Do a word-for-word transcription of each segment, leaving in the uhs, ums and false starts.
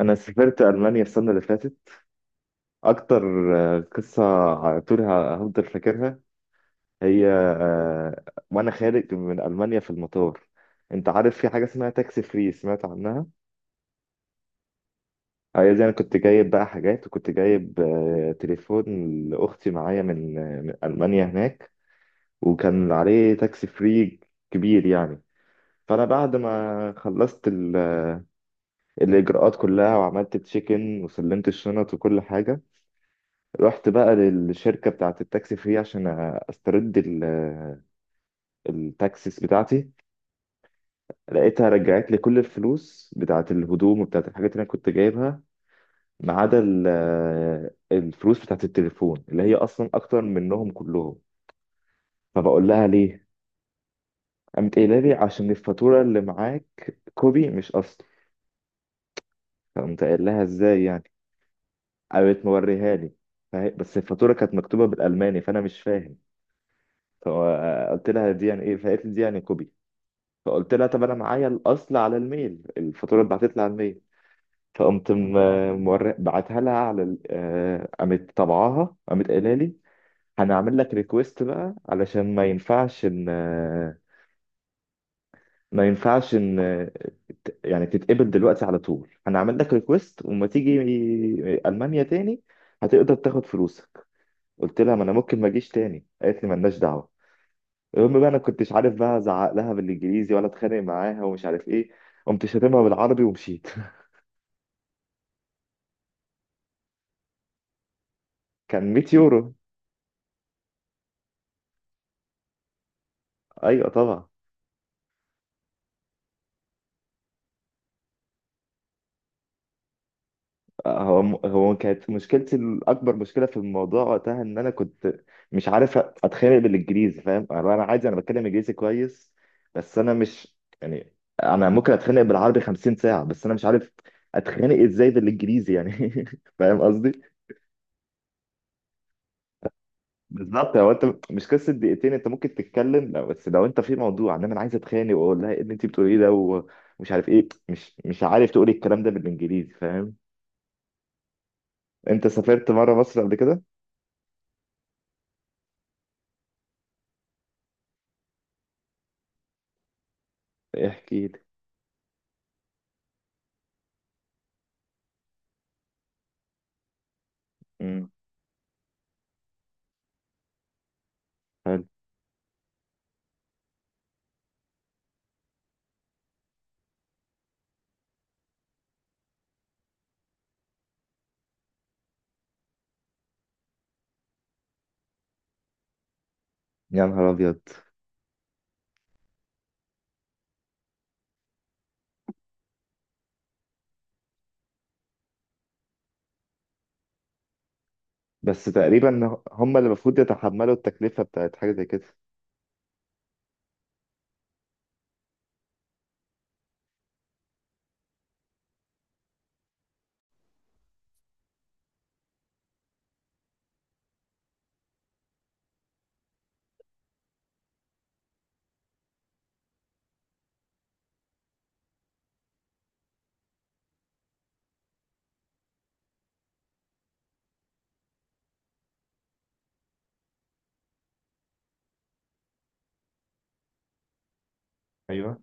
انا سافرت المانيا السنه اللي فاتت اكتر. آه، قصه على طول، ه- هفضل فاكرها. هي، آه، وانا خارج من المانيا في المطار، انت عارف في حاجه اسمها تاكسي فري؟ سمعت عنها. هي دي، انا كنت جايب بقى حاجات، وكنت جايب آه، تليفون لاختي معايا من آه، من المانيا هناك، وكان عليه تاكسي فري كبير يعني. فانا بعد ما خلصت ال- الاجراءات كلها، وعملت تشيك ان، وسلمت الشنط وكل حاجه، رحت بقى للشركة بتاعة التاكسي فري عشان استرد ال- التاكسيس بتاعتي. لقيتها رجعت لي كل الفلوس بتاعة الهدوم وبتاعة الحاجات اللي انا كنت جايبها، ما عدا ال- الفلوس بتاعة التليفون اللي هي اصلا اكتر منهم كلهم. فبقول لها ليه، قامت قايله لي عشان الفاتورة اللي معاك كوبي مش اصل. فقمت قايل لها ازاي يعني؟ قامت موريها لي، فهي- بس الفاتورة كانت مكتوبة بالألماني، فأنا مش فاهم. فقلت لها دي يعني إيه؟ فقالت لي دي يعني كوبي. فقلت لها طب انا معايا الاصل على الميل، الفاتوره اتبعتت لي على الميل. فقمت م- مور- بعتها لها على ال- آه، قامت طبعاها، قامت قايله لي هنعمل لك ريكويست بقى، علشان ما ينفعش ان، آه، ما ينفعش ان آه، ت- يعني تتقبل دلوقتي على طول. هنعمل لك ريكويست، وما تيجي المانيا تاني هتقدر تاخد فلوسك. قلت لها ما انا ممكن ما اجيش تاني، قالت لي مالناش دعوه. المهم بقى انا كنتش عارف بقى ازعق لها بالانجليزي ولا اتخانق معاها ومش عارف ايه، قمت شاتمها بالعربي ومشيت. كان 100 يورو. ايوه طبعا. هو، هو كانت مشكلتي الاكبر، مشكله في الموضوع وقتها، ان انا كنت مش عارف اتخانق بالانجليزي، فاهم؟ انا أنا عادي، انا بتكلم انجليزي كويس، بس انا مش يعني، انا ممكن اتخانق بالعربي 50 ساعه، بس انا مش عارف اتخانق ازاي بالانجليزي يعني. فاهم قصدي؟ بالظبط. هو انت مش قصه دقيقتين، انت ممكن تتكلم لو، بس لو انت في موضوع ان انا عايز اتخانق واقول لها ايه اللي انت بتقوليه ده، ومش عارف ايه، مش مش عارف تقولي الكلام ده بالانجليزي، فاهم؟ انت سافرت مره مصر قبل كده؟ احكي لي. امم. حلو. يا نهار ابيض. بس تقريبا هم اللي المفروض يتحملوا التكلفه بتاعت حاجه زي كده. ايوه.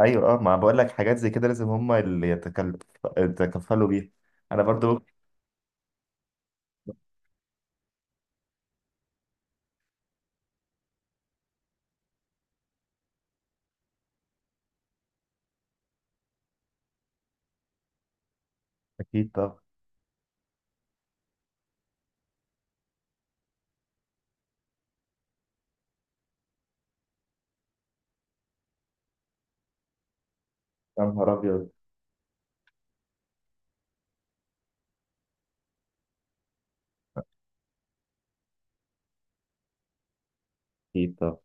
ايوه، اه، ما بقول لك حاجات زي كده لازم هم اللي يتكلف... يتكفلوا بيها. انا برضو. اكيد طبعا. يا نهار ابيض. اكيد طبعا.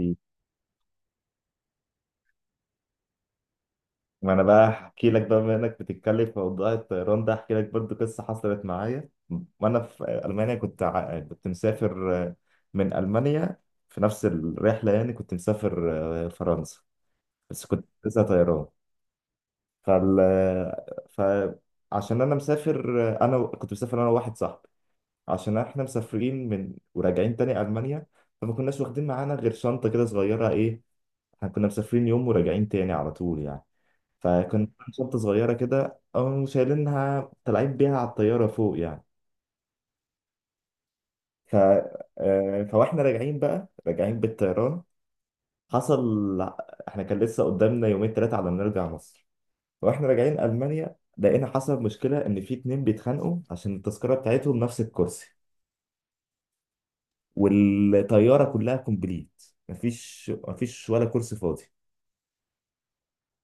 اكيد. ما انا بقى احكي لك بقى، بما انك بتتكلم في موضوع الطيران ده، احكي لك برضو قصه حصلت معايا وانا في المانيا. كنت ع- كنت مسافر من المانيا، في نفس الرحله، يعني كنت مسافر فرنسا، بس كنت لسه طيران. فال فعشان انا مسافر، انا و- كنت مسافر انا وواحد صاحبي، عشان احنا مسافرين من، وراجعين تاني المانيا، فما كناش واخدين معانا غير شنطه كده صغيره ايه. احنا كنا مسافرين يوم وراجعين تاني على طول يعني، فكنت عامل شنطة صغيرة كده، أو شايلينها طالعين بيها على الطيارة فوق يعني. ف... آه، فواحنا راجعين بقى، راجعين بالطيران، حصل احنا كان لسه قدامنا يومين ثلاثة على ما نرجع مصر، واحنا راجعين ألمانيا لقينا حصل مشكلة، إن في اتنين بيتخانقوا عشان التذكرة بتاعتهم نفس الكرسي، والطيارة كلها كومبليت، مفيش مفيش ولا كرسي فاضي.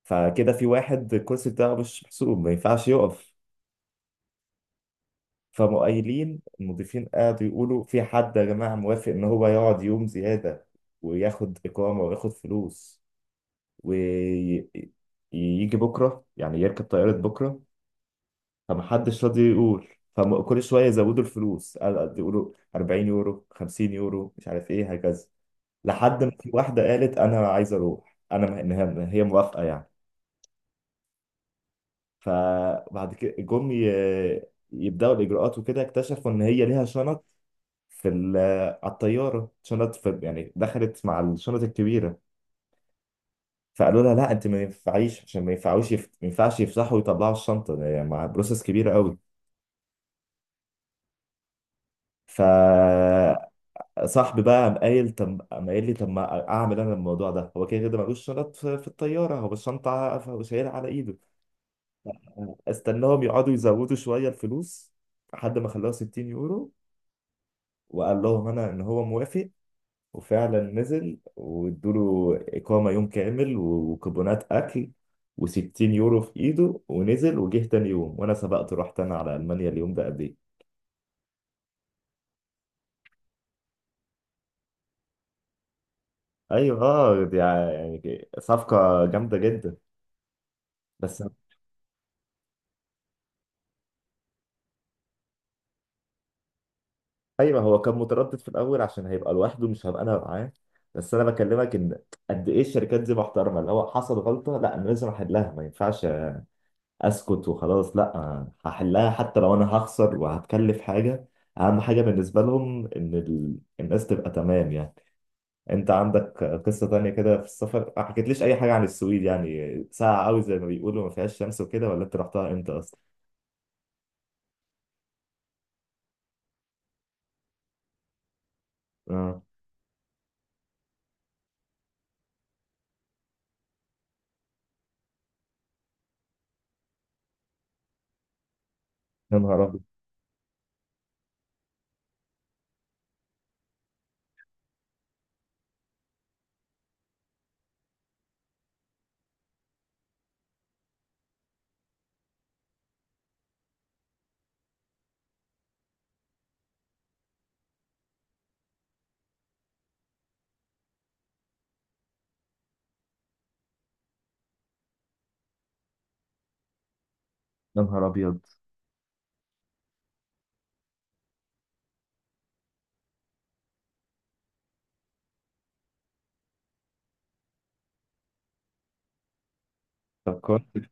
فكده في واحد الكرسي بتاعه مش محسوب، ما ينفعش يقف. فمؤيلين المضيفين قعدوا يقولوا في حد يا جماعة موافق إن هو يقعد يوم زيادة، وياخد إقامة، وياخد فلوس، ويجي بكرة يعني يركب طيارة بكرة. فمحدش راضي يقول. فكل شوية يزودوا الفلوس، قال- قال- يقولوا 40 يورو، 50 يورو، مش عارف إيه هكذا، لحد ما في واحدة قالت أنا عايزة أروح. أنا م- إن هي إن هي موافقة يعني. فبعد كده جم ي- يبدأوا الإجراءات، وكده اكتشفوا إن هي ليها شنط في ال- على الطياره، شنط في يعني دخلت مع الشنط الكبيره. فقالوا لها لا انت ما ينفعيش، عشان ما ينفعوش يفت... ما ينفعش يفتحوا ويطلعوا الشنطه ده، يعني مع بروسس كبيره قوي. فصاحبي بقى قام قايل طب قام قايل لي طب ما اعمل انا الموضوع ده، هو كده كده ملوش شنط في في الطياره، هو الشنطه هو شايلها على ايده. استناهم يقعدوا يزودوا شويه الفلوس، لحد ما خلاها 60 يورو، وقال لهم انا ان هو موافق. وفعلا نزل وادوله إقامة يوم كامل، و- وكوبونات أكل، و60 يورو في إيده. ونزل وجه تاني يوم، وأنا سبقته رحت أنا على ألمانيا اليوم ده قبليه. أيوه، آه، دي ع- يعني صفقة جامدة جدا. بس أيوه، هو كان متردد في الأول عشان هيبقى لوحده، مش هبقى أنا معاه. بس أنا بكلمك إن قد إيه الشركات دي محترمة، اللي هو حصل غلطة لا أنا لازم أحلها، ما ينفعش اسكت وخلاص، لا هحلها حتى لو انا هخسر وهتكلف حاجه. اهم حاجه بالنسبه لهم ان ال... الناس تبقى تمام يعني. انت عندك قصه تانية كده في السفر؟ ما حكيتليش اي حاجه عن السويد، يعني ساقعه قوي زي ما بيقولوا، ما فيهاش شمس وكده، ولا انت رحتها امتى اصلا؟ اه، يا نهار ابيض، يا نهار ابيض. طب كويس.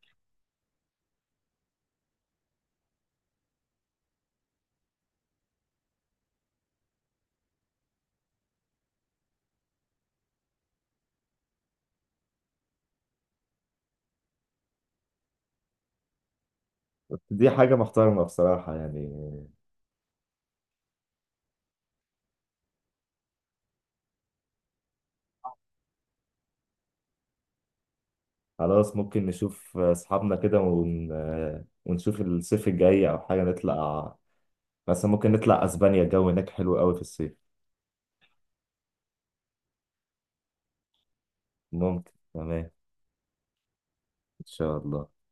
دي حاجه محترمه بصراحه يعني. خلاص، ممكن نشوف اصحابنا كده، ون... ونشوف الصيف الجاي او حاجه نطلع، مثلا ممكن نطلع اسبانيا، الجو هناك حلو قوي في الصيف. ممكن، تمام. إن شاء الله.